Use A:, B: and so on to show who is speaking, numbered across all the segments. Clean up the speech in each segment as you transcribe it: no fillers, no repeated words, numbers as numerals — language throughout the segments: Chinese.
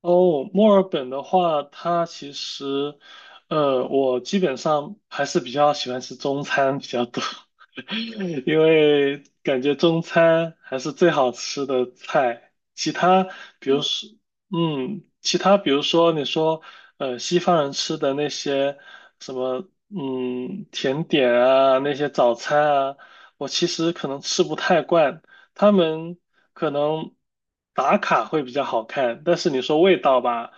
A: 哦，墨尔本的话，它其实，我基本上还是比较喜欢吃中餐比较多。因为感觉中餐还是最好吃的菜，比如说，其他比如说你说，西方人吃的那些什么，甜点啊，那些早餐啊，我其实可能吃不太惯，他们可能打卡会比较好看，但是你说味道吧。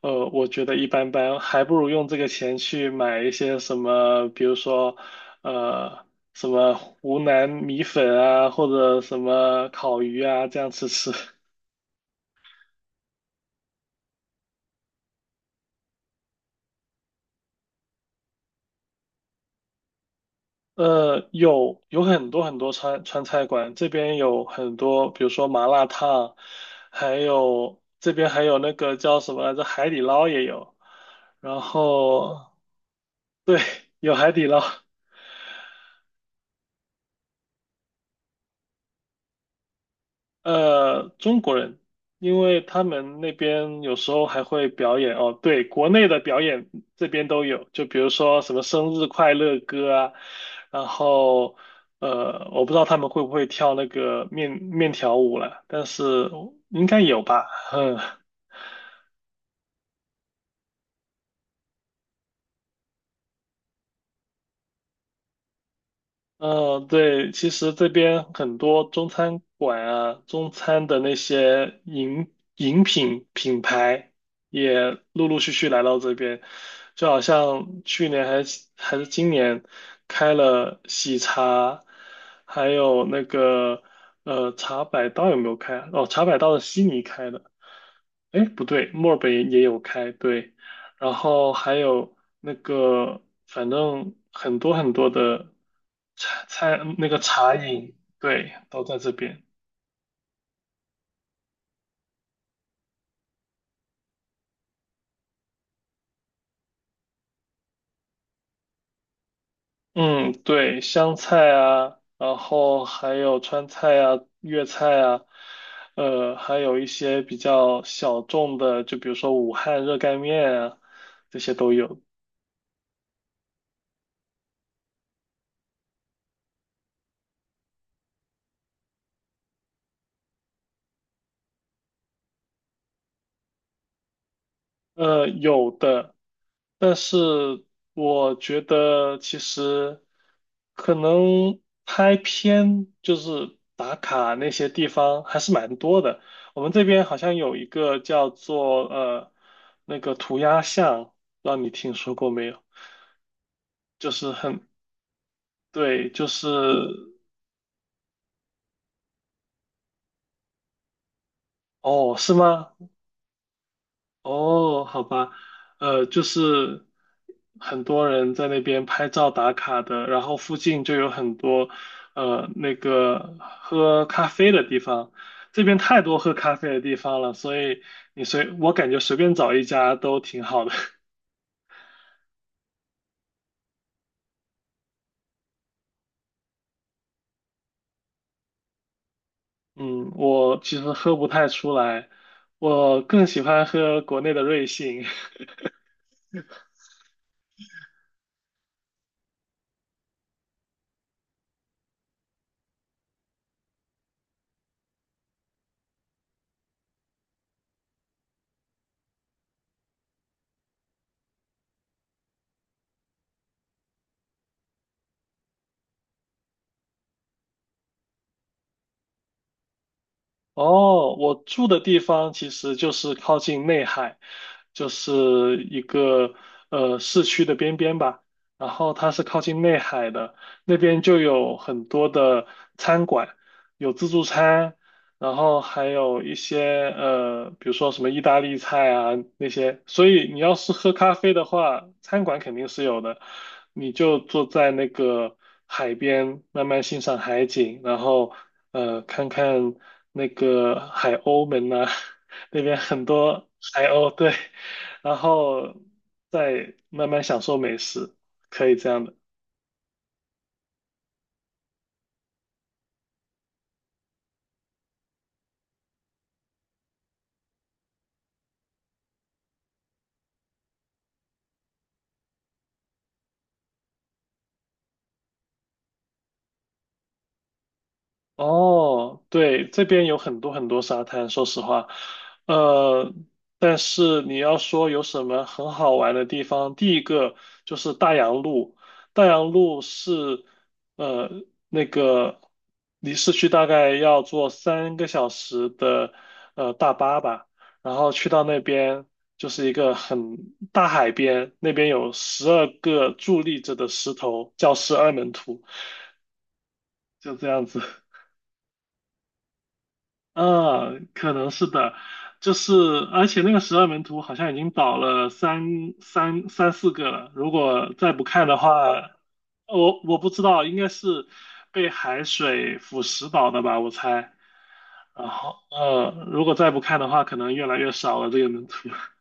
A: 我觉得一般般，还不如用这个钱去买一些什么，比如说，呃。什么湖南米粉啊，或者什么烤鱼啊，这样吃吃。有很多很多川菜馆，这边有很多，比如说麻辣烫，还有这边还有那个叫什么来着，海底捞也有。然后对，有海底捞。中国人，因为他们那边有时候还会表演哦，对，国内的表演这边都有，就比如说什么生日快乐歌啊，然后我不知道他们会不会跳那个面条舞了，但是应该有吧，嗯，嗯，对，其实这边很多中餐馆啊，中餐的那些饮品品牌也陆陆续续来到这边，就好像去年还是今年开了喜茶，还有那个茶百道有没有开啊哦，茶百道是悉尼开的，哎，不对，墨尔本也有开，对，然后还有那个，反正很多很多的茶菜，那个茶饮，对，都在这边。嗯，对，湘菜啊，然后还有川菜啊、粤菜啊，还有一些比较小众的，就比如说武汉热干面啊，这些都有。有的，但是我觉得其实可能拍片就是打卡那些地方还是蛮多的。我们这边好像有一个叫做那个涂鸦巷，不知道你听说过没有？就是很，对，就是，哦，是吗？哦，好吧，就是很多人在那边拍照打卡的，然后附近就有很多那个喝咖啡的地方，这边太多喝咖啡的地方了，所以你随，我感觉随便找一家都挺好的。嗯，我其实喝不太出来，我更喜欢喝国内的瑞幸。哦，我住的地方其实就是靠近内海，就是一个市区的边边吧。然后它是靠近内海的，那边就有很多的餐馆，有自助餐，然后还有一些比如说什么意大利菜啊那些，所以你要是喝咖啡的话，餐馆肯定是有的，你就坐在那个海边，慢慢欣赏海景，然后看看那个海鸥们呐、那边很多海鸥，对，然后再慢慢享受美食，可以这样的。哦，对，这边有很多很多沙滩，说实话，呃，但是你要说有什么很好玩的地方，第一个就是大洋路，大洋路是呃那个离市区大概要坐3个小时的大巴吧，然后去到那边就是一个很大海边，那边有12个伫立着的石头，叫十二门徒，就这样子。可能是的，就是而且那个十二门徒好像已经倒了三四个了，如果再不看的话，我不知道，应该是被海水腐蚀倒的吧，我猜。然后如果再不看的话，可能越来越少了这个门徒。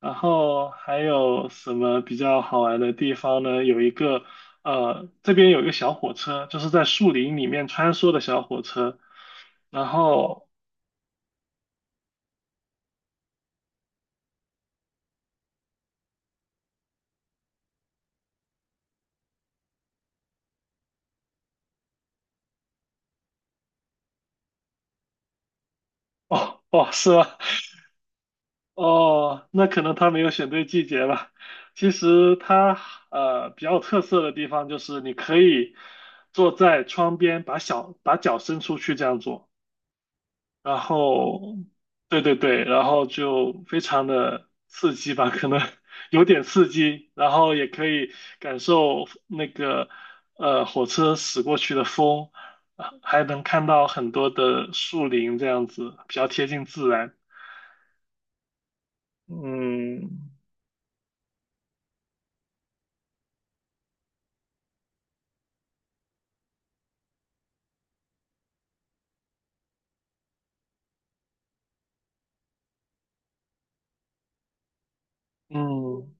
A: 然后还有什么比较好玩的地方呢？有一个呃，这边有一个小火车，就是在树林里面穿梭的小火车，然后。哦哦，是吗？哦，那可能他没有选对季节吧。其实它比较有特色的地方就是你可以坐在窗边，把脚伸出去这样做，然后对对对，然后就非常的刺激吧，可能 有点刺激，然后也可以感受那个火车驶过去的风，啊还能看到很多的树林这样子，比较贴近自然。嗯嗯。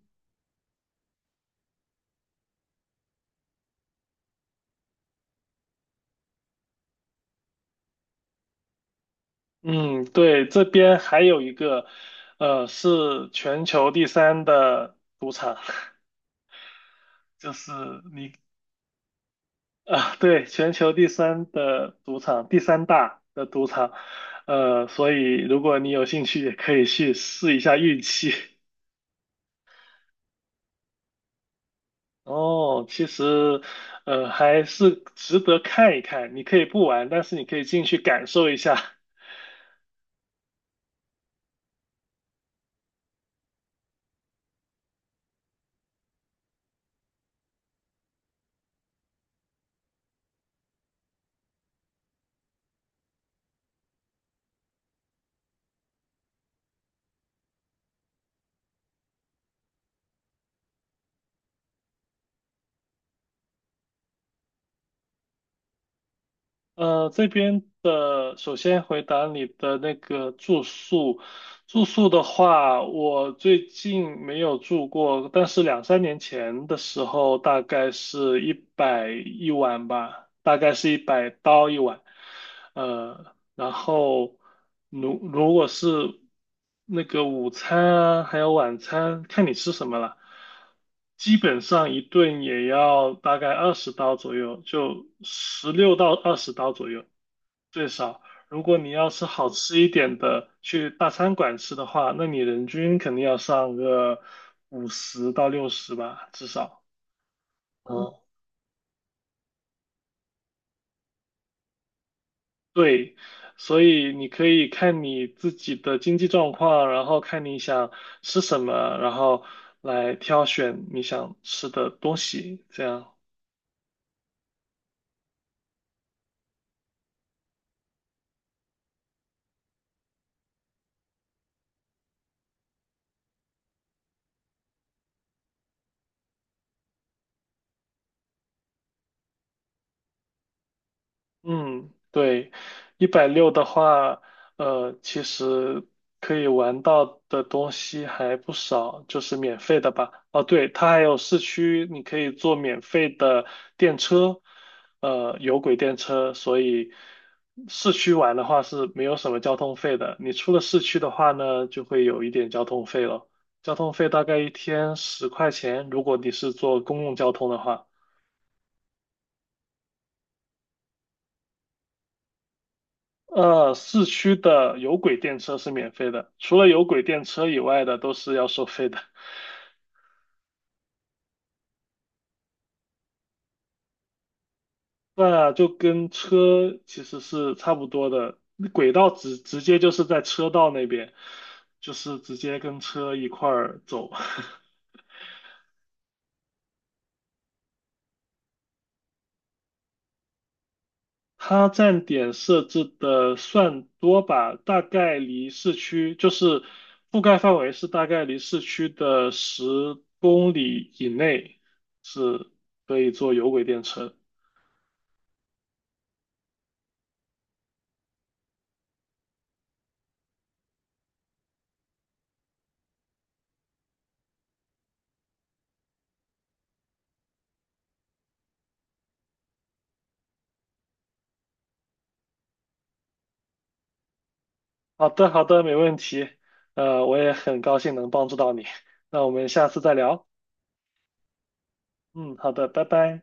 A: 嗯，对，这边还有一个，是全球第三的赌场，就是你啊，对，全球第三的赌场，第三大的赌场，所以如果你有兴趣，也可以去试一下运气。哦，其实，还是值得看一看。你可以不玩，但是你可以进去感受一下。这边的首先回答你的那个住宿，住宿的话，我最近没有住过，但是两三年前的时候，大概是一百一晚吧，大概是100刀一晚。呃，然后如果是那个午餐啊，还有晚餐，看你吃什么了，基本上一顿也要大概二十刀左右，就16到20刀左右最少。如果你要是好吃一点的，去大餐馆吃的话，那你人均肯定要上个50到60吧，至少。哦对，所以你可以看你自己的经济状况，然后看你想吃什么，然后来挑选你想吃的东西，这样。嗯，对，160的话，其实可以玩到的东西还不少，就是免费的吧。哦，对，它还有市区，你可以坐免费的电车，有轨电车，所以市区玩的话是没有什么交通费的。你出了市区的话呢，就会有一点交通费了，交通费大概一天10块钱，如果你是坐公共交通的话。市区的有轨电车是免费的，除了有轨电车以外的都是要收费的。那就跟车其实是差不多的，轨道直接就是在车道那边，就是直接跟车一块儿走。它站点设置的算多吧，大概离市区就是覆盖范围是大概离市区的10公里以内是可以坐有轨电车的。好的，好的，没问题。我也很高兴能帮助到你。那我们下次再聊。嗯，好的，拜拜。